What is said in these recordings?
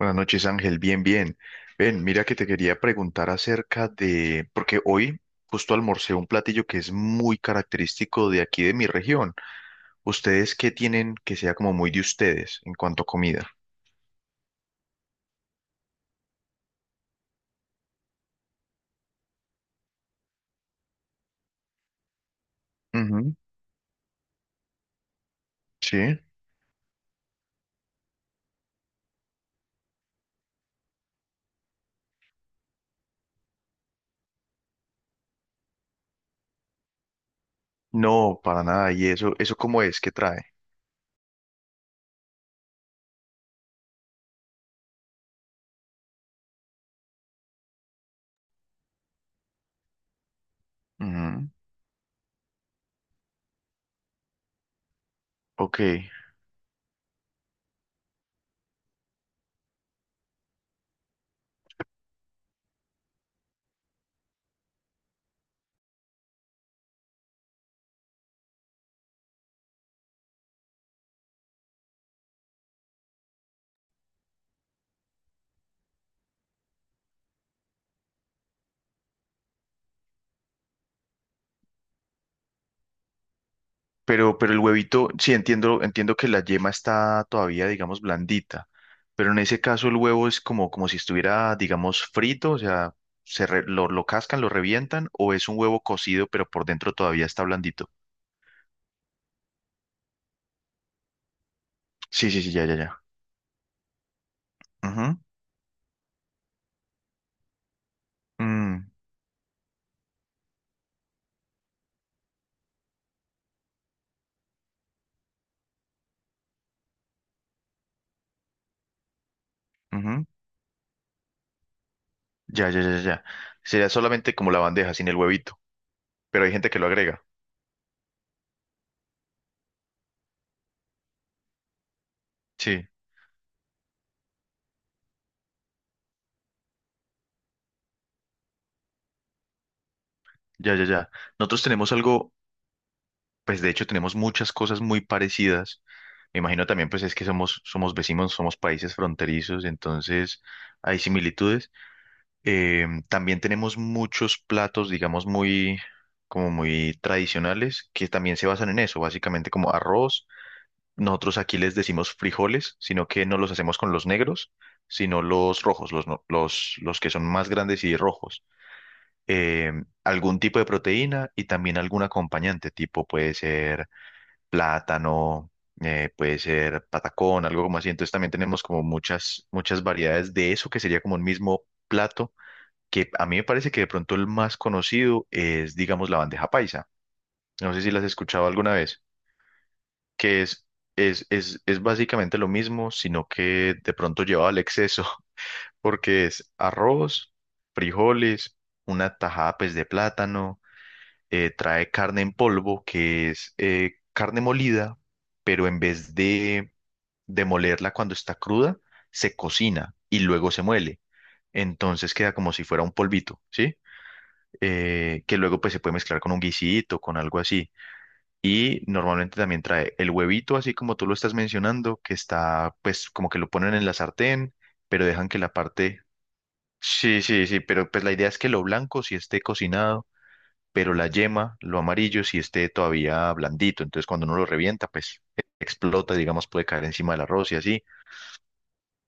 Buenas noches, Ángel. Bien, bien. Ven, mira que te quería preguntar acerca de, porque hoy justo almorcé un platillo que es muy característico de aquí de mi región. ¿Ustedes qué tienen que sea como muy de ustedes en cuanto a comida? Ujú. Sí. No, para nada. ¿Y eso cómo es? ¿Qué trae? Ujú. Ok. Pero el huevito, sí entiendo, entiendo que la yema está todavía, digamos, blandita, pero en ese caso el huevo es como si estuviera, digamos, frito, o sea, lo cascan, lo revientan, o es un huevo cocido, pero por dentro todavía está blandito. Sí, sí, sí, ya, ya, ya. Ujú. Mm. Ujú. Ya, ya, ya, ya. Sería solamente como la bandeja sin el huevito, pero hay gente que lo agrega. Sí, ya, ya, ya. Nosotros tenemos algo, pues de hecho tenemos muchas cosas muy parecidas. Me imagino también, pues es que somos vecinos, somos países fronterizos, entonces hay similitudes. También tenemos muchos platos, digamos, muy, como muy tradicionales, que también se basan en eso, básicamente como arroz. Nosotros aquí les decimos frijoles, sino que no los hacemos con los negros, sino los rojos, los, no- los que son más grandes y rojos. Eh, algún tipo de proteína y también algún acompañante, tipo puede ser plátano, puede ser patacón, algo como así. Entonces también tenemos como muchas variedades de eso que sería como un mismo plato, que a mí me parece que de pronto el más conocido es, digamos, la bandeja paisa. No sé si las has escuchado alguna vez, que es básicamente lo mismo, sino que de pronto lleva al exceso, porque es arroz, frijoles, una tajada pues de plátano, trae carne en polvo, que es carne molida, pero en vez de molerla cuando está cruda, se cocina y luego se muele. Entonces queda como si fuera un polvito, ¿sí? Que luego pues se puede mezclar con un guisito, con algo así. Y normalmente también trae el huevito, así como tú lo estás mencionando, que está pues como que lo ponen en la sartén, pero dejan que la parte... Sí, sí, sí, pero pues la idea es que lo blanco sí esté cocinado, pero la yema, lo amarillo sí esté todavía blandito. Entonces cuando uno lo revienta, pues explota, digamos, puede caer encima del arroz y así.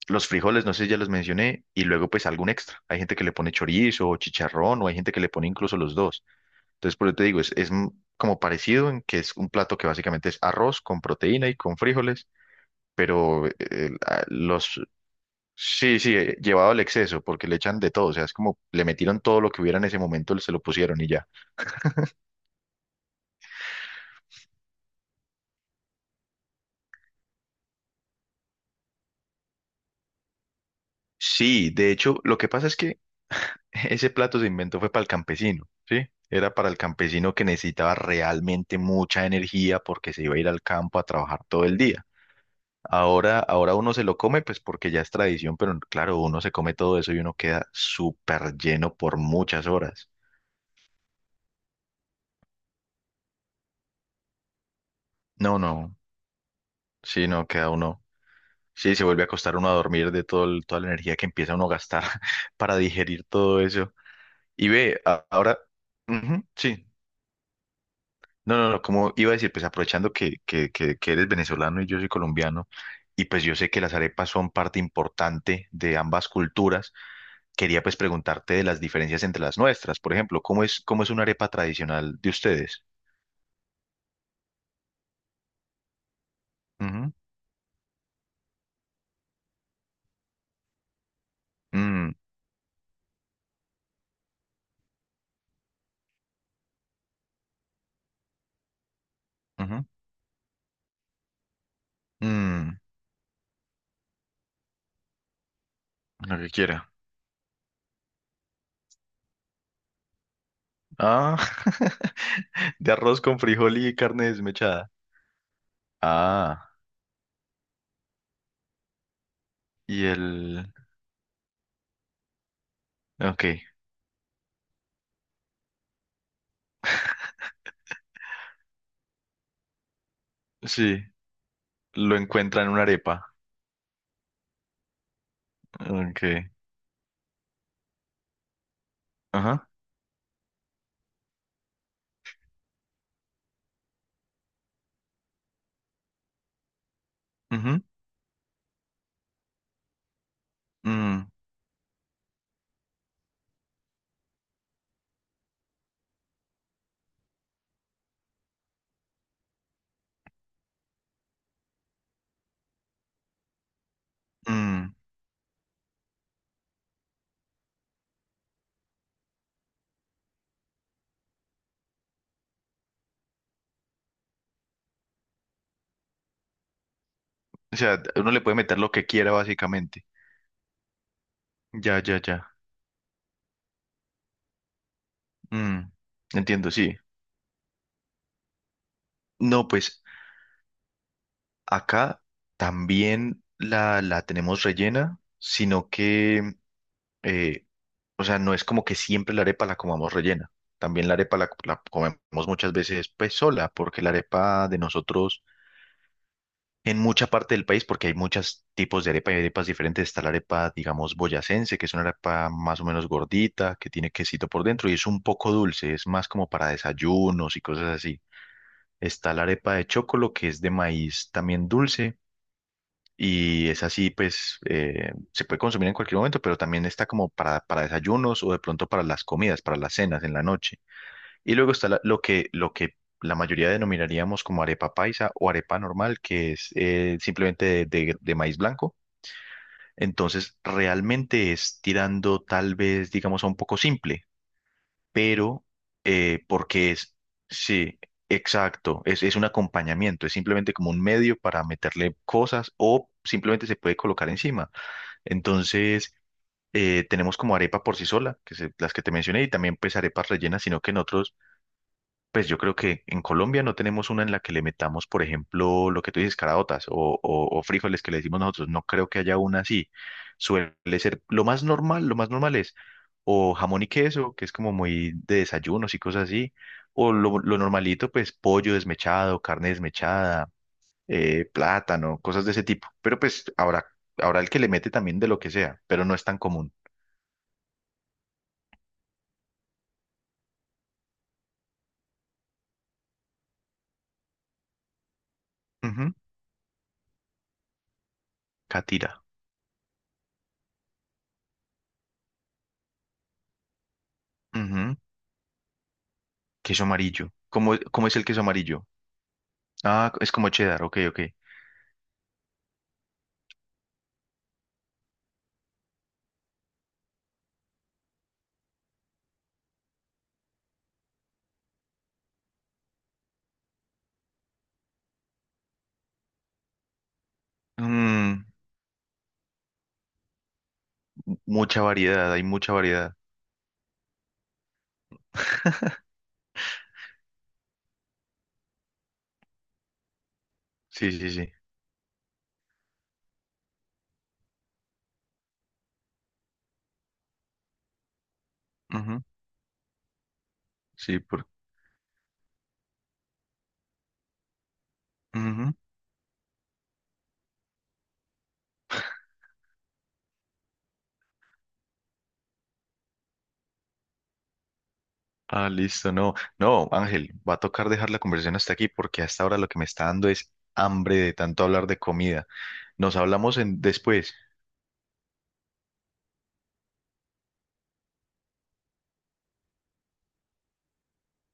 Los frijoles, no sé si ya los mencioné, y luego pues algún extra. Hay gente que le pone chorizo o chicharrón, o hay gente que le pone incluso los dos. Entonces, por eso te digo, como parecido en que es un plato que básicamente es arroz con proteína y con frijoles, pero Sí, sí, llevado al exceso, porque le echan de todo, o sea, es como le metieron todo lo que hubiera en ese momento, se lo pusieron y ya. Sí, de hecho, lo que pasa es que ese plato se inventó fue para el campesino, ¿sí? Era para el campesino que necesitaba realmente mucha energía porque se iba a ir al campo a trabajar todo el día. Ahora uno se lo come, pues porque ya es tradición, pero claro, uno se come todo eso y uno queda súper lleno por muchas horas. No, no, sí, no, queda uno. Sí, se vuelve a acostar uno a dormir de todo toda la energía que empieza uno a gastar para digerir todo eso. Y ve, ahora, ujú, sí. No, no, no, como iba a decir, pues aprovechando que eres venezolano y yo soy colombiano, y pues yo sé que las arepas son parte importante de ambas culturas, quería pues preguntarte de las diferencias entre las nuestras. Por ejemplo, ¿cómo es una arepa tradicional de ustedes? Ujú. Mm. Ujú. Mm, lo que quiera. Ah, de arroz con frijol y carne desmechada. Ah, y el... Ok, sí, lo encuentra en una arepa. Ok, ajá, ujú, mm. Mm, o sea, uno le puede meter lo que quiera básicamente. Ya, ya, ya. Mm, entiendo, sí. No, pues acá también la tenemos rellena, sino que, eh, o sea, no es como que siempre la arepa la comamos rellena. También la arepa la comemos muchas veces pues sola, porque la arepa de nosotros en mucha parte del país porque hay muchos tipos de arepa y arepas diferentes. Está la arepa, digamos, boyacense, que es una arepa más o menos gordita, que tiene quesito por dentro y es un poco dulce, es más como para desayunos y cosas así. Está la arepa de chocolo, que es de maíz también dulce. Y es así, pues se puede consumir en cualquier momento, pero también está como para desayunos o de pronto para las comidas, para las cenas en la noche. Y luego está lo que la mayoría denominaríamos como arepa paisa o arepa normal, que es simplemente de maíz blanco. Entonces, realmente es tirando tal vez, digamos, a un poco simple, pero eh, porque es, sí, exacto, es un acompañamiento, es simplemente como un medio para meterle cosas o simplemente se puede colocar encima. Entonces... tenemos como arepa por sí sola, que es las que te mencioné, y también pues arepas rellenas, sino que en otros pues yo creo que en Colombia no tenemos una en la que le metamos, por ejemplo, lo que tú dices, caraotas o frijoles que le decimos nosotros. No creo que haya una así. Suele ser lo más normal es o jamón y queso, que es como muy de desayunos y cosas así, o lo normalito, pues pollo desmechado, carne desmechada, plátano, cosas de ese tipo. Pero pues habrá, habrá el que le mete también de lo que sea, pero no es tan común. Ujú. Catira. Ujú. Queso amarillo. Cómo es el queso amarillo? Ah, es como cheddar, ok, ok. Mm, mucha variedad, hay mucha variedad. Sí, sí, sí. Ujú. Sí, por... Ujú. Ah, listo, no. No, Ángel, va a tocar dejar la conversación hasta aquí porque hasta ahora lo que me está dando es hambre de tanto hablar de comida. Nos hablamos en... después.